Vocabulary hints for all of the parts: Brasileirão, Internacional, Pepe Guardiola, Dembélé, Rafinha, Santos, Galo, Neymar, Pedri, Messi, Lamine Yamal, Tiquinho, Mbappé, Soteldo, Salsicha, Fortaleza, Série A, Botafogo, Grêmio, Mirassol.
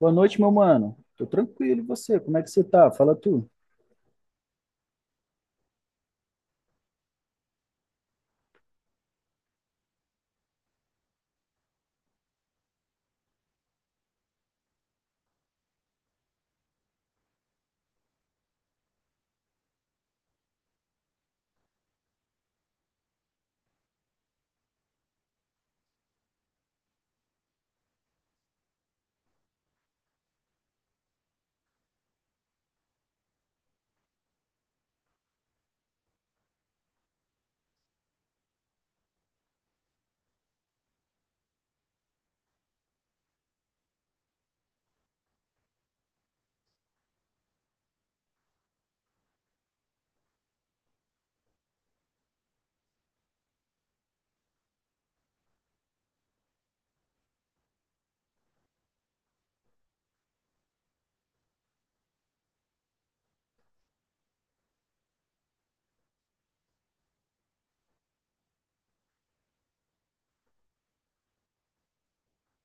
Boa noite, meu mano. Tô tranquilo, e você? Como é que você tá? Fala tu.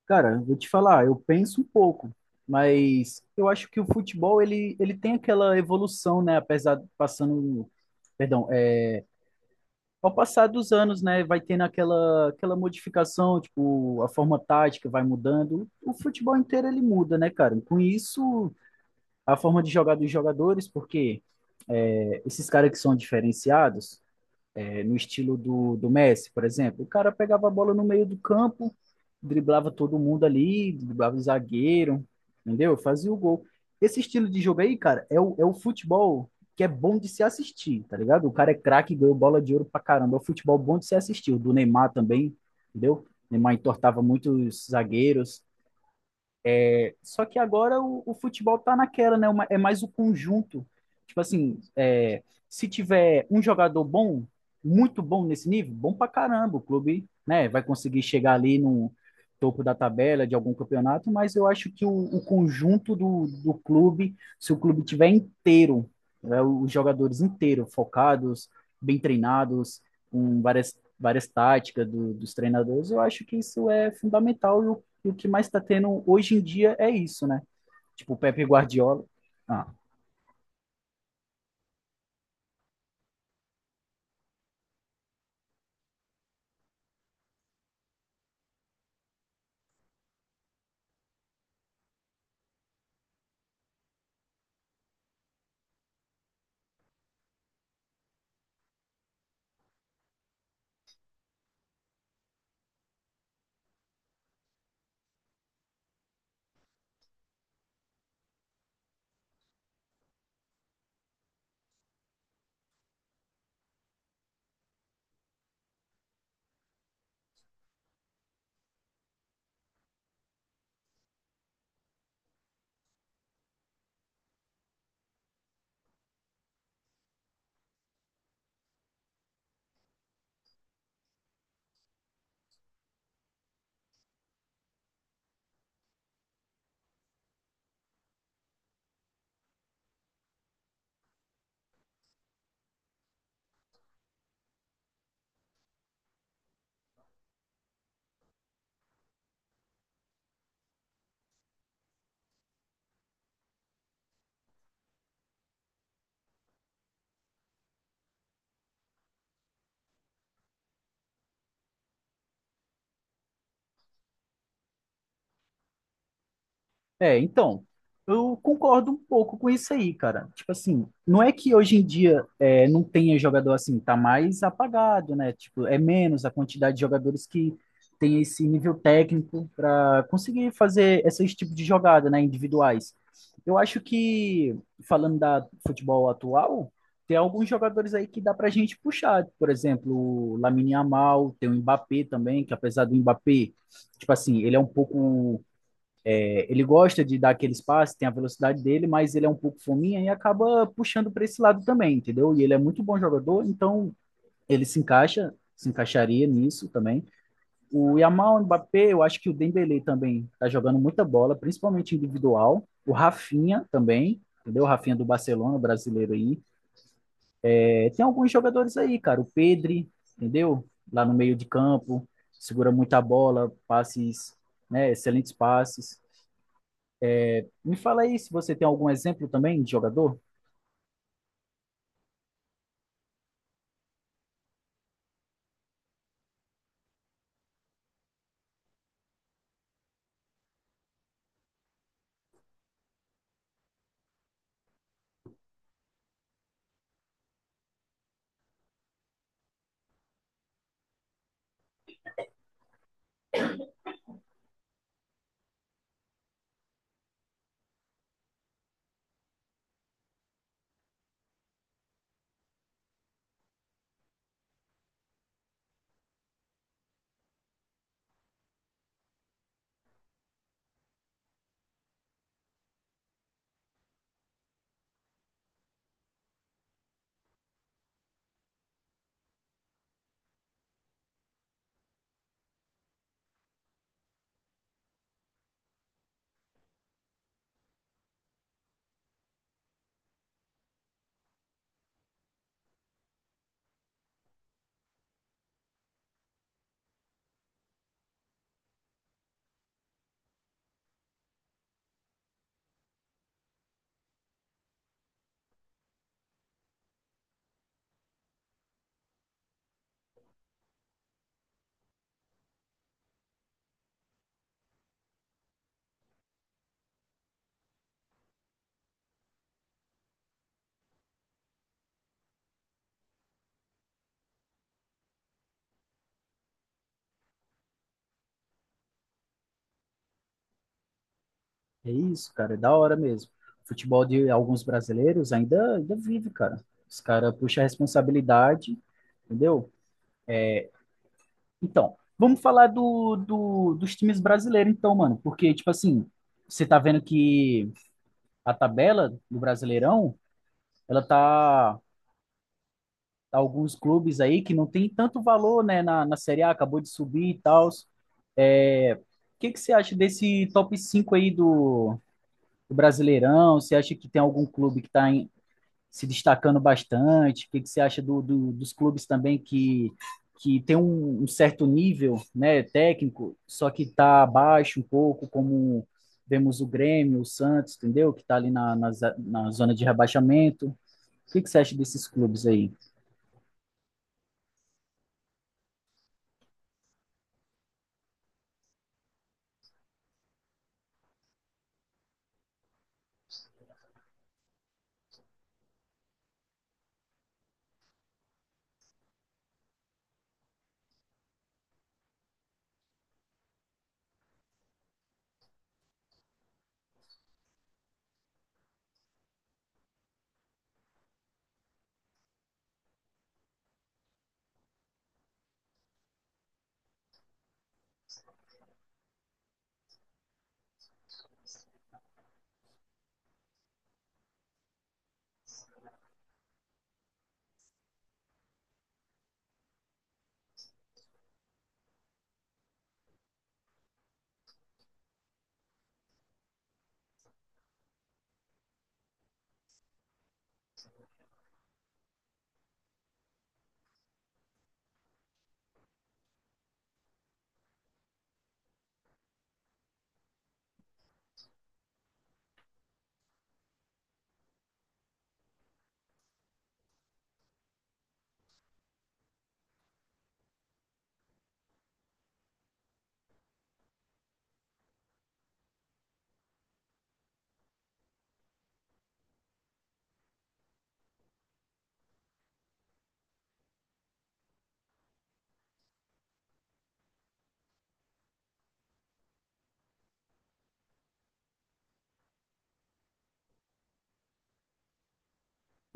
Cara, eu vou te falar, eu penso um pouco, mas eu acho que o futebol ele tem aquela evolução, né? Apesar de passando, perdão, Ao passar dos anos, né, vai tendo aquela modificação, tipo, a forma tática vai mudando. O futebol inteiro ele muda, né, cara? Com isso, a forma de jogar dos jogadores, porque esses caras que são diferenciados, no estilo do Messi, por exemplo. O cara pegava a bola no meio do campo, driblava todo mundo ali, driblava o zagueiro, entendeu? Fazia o gol. Esse estilo de jogo aí, cara, é o futebol que é bom de se assistir, tá ligado? O cara é craque, ganhou bola de ouro pra caramba. É o futebol bom de se assistir. O do Neymar também, entendeu? O Neymar entortava muitos zagueiros, só que agora o futebol tá naquela, né? É mais o conjunto. Tipo assim, é, se tiver um jogador bom, muito bom nesse nível, bom pra caramba, o clube, né, vai conseguir chegar ali no topo da tabela de algum campeonato, mas eu acho que o conjunto do clube, se o clube tiver inteiro, né, os jogadores inteiros, focados, bem treinados, com várias táticas dos treinadores, eu acho que isso é fundamental e o que mais está tendo hoje em dia é isso, né? Tipo, o Pepe Guardiola. Ah, é, então, eu concordo um pouco com isso aí, cara. Tipo assim, não é que hoje em dia não tenha jogador assim, tá mais apagado, né? Tipo, é menos a quantidade de jogadores que tem esse nível técnico para conseguir fazer esses tipos de jogada, né, individuais. Eu acho que, falando da futebol atual, tem alguns jogadores aí que dá pra gente puxar. Por exemplo, o Lamine Yamal, tem o Mbappé também, que apesar do Mbappé, tipo assim, ele é um pouco ele gosta de dar aqueles passes tem a velocidade dele, mas ele é um pouco fominha e acaba puxando para esse lado também, entendeu? E ele é muito bom jogador, então ele se encaixa, se encaixaria nisso também. O Yamal o Mbappé, eu acho que o Dembélé também tá jogando muita bola, principalmente individual. O Rafinha também, entendeu? O Rafinha do Barcelona, brasileiro aí. É, tem alguns jogadores aí, cara. O Pedri, entendeu? Lá no meio de campo, segura muita bola, passes, né? Excelentes passes. Me fala aí se você tem algum exemplo também de jogador. É isso, cara, é da hora mesmo. Futebol de alguns brasileiros ainda vive, cara. Os caras puxam a responsabilidade, entendeu? Então, vamos falar dos times brasileiros, então, mano. Porque, tipo assim, você tá vendo que a tabela do Brasileirão, ela tá. Alguns clubes aí que não tem tanto valor, né, na Série A, acabou de subir e tal. É, o que que você acha desse top 5 aí do Brasileirão? Você acha que tem algum clube que está se destacando bastante? O que você acha dos clubes também que tem um certo nível, né, técnico, só que está abaixo um pouco, como vemos o Grêmio, o Santos, entendeu? Que está ali na zona de rebaixamento. O que você acha desses clubes aí?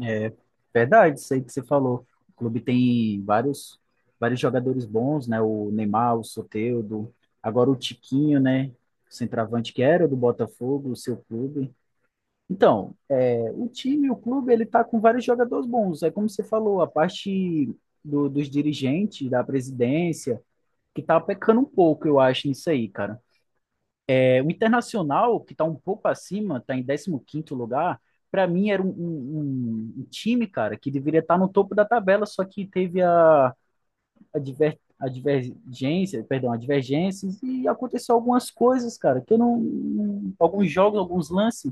É verdade, isso aí que você falou. O clube tem vários jogadores bons, né? O Neymar, o Soteldo, agora o Tiquinho, né? O centroavante que era do Botafogo, o seu clube. Então, é, o time, o clube, ele tá com vários jogadores bons. É como você falou, a parte dos dirigentes, da presidência, que tá pecando um pouco, eu acho, nisso aí, cara. É, o Internacional, que está um pouco acima, está em 15º lugar, para mim era um time, cara, que deveria estar no topo da tabela, só que teve a divergência, a divergência e aconteceu algumas coisas, cara, que eu alguns jogos, alguns lances,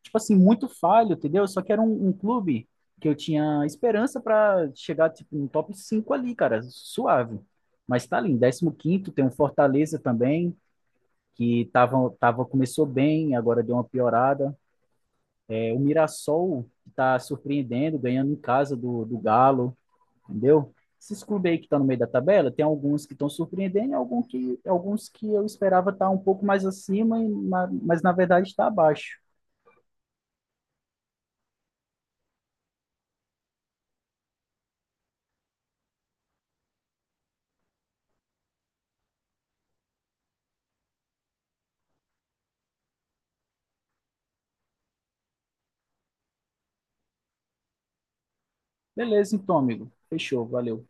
tipo assim, muito falho, entendeu? Só que era um clube que eu tinha esperança para chegar, tipo, no top 5 ali, cara, suave. Mas tá ali, em 15º, tem o Fortaleza também, que tava, começou bem, agora deu uma piorada. É, o Mirassol está surpreendendo, ganhando em casa do Galo, entendeu? Esses clubes aí que estão tá no meio da tabela, tem alguns que estão surpreendendo, e alguns que eu esperava estar tá um pouco mais acima, mas na verdade está abaixo. Beleza, então, amigo. Fechou, valeu.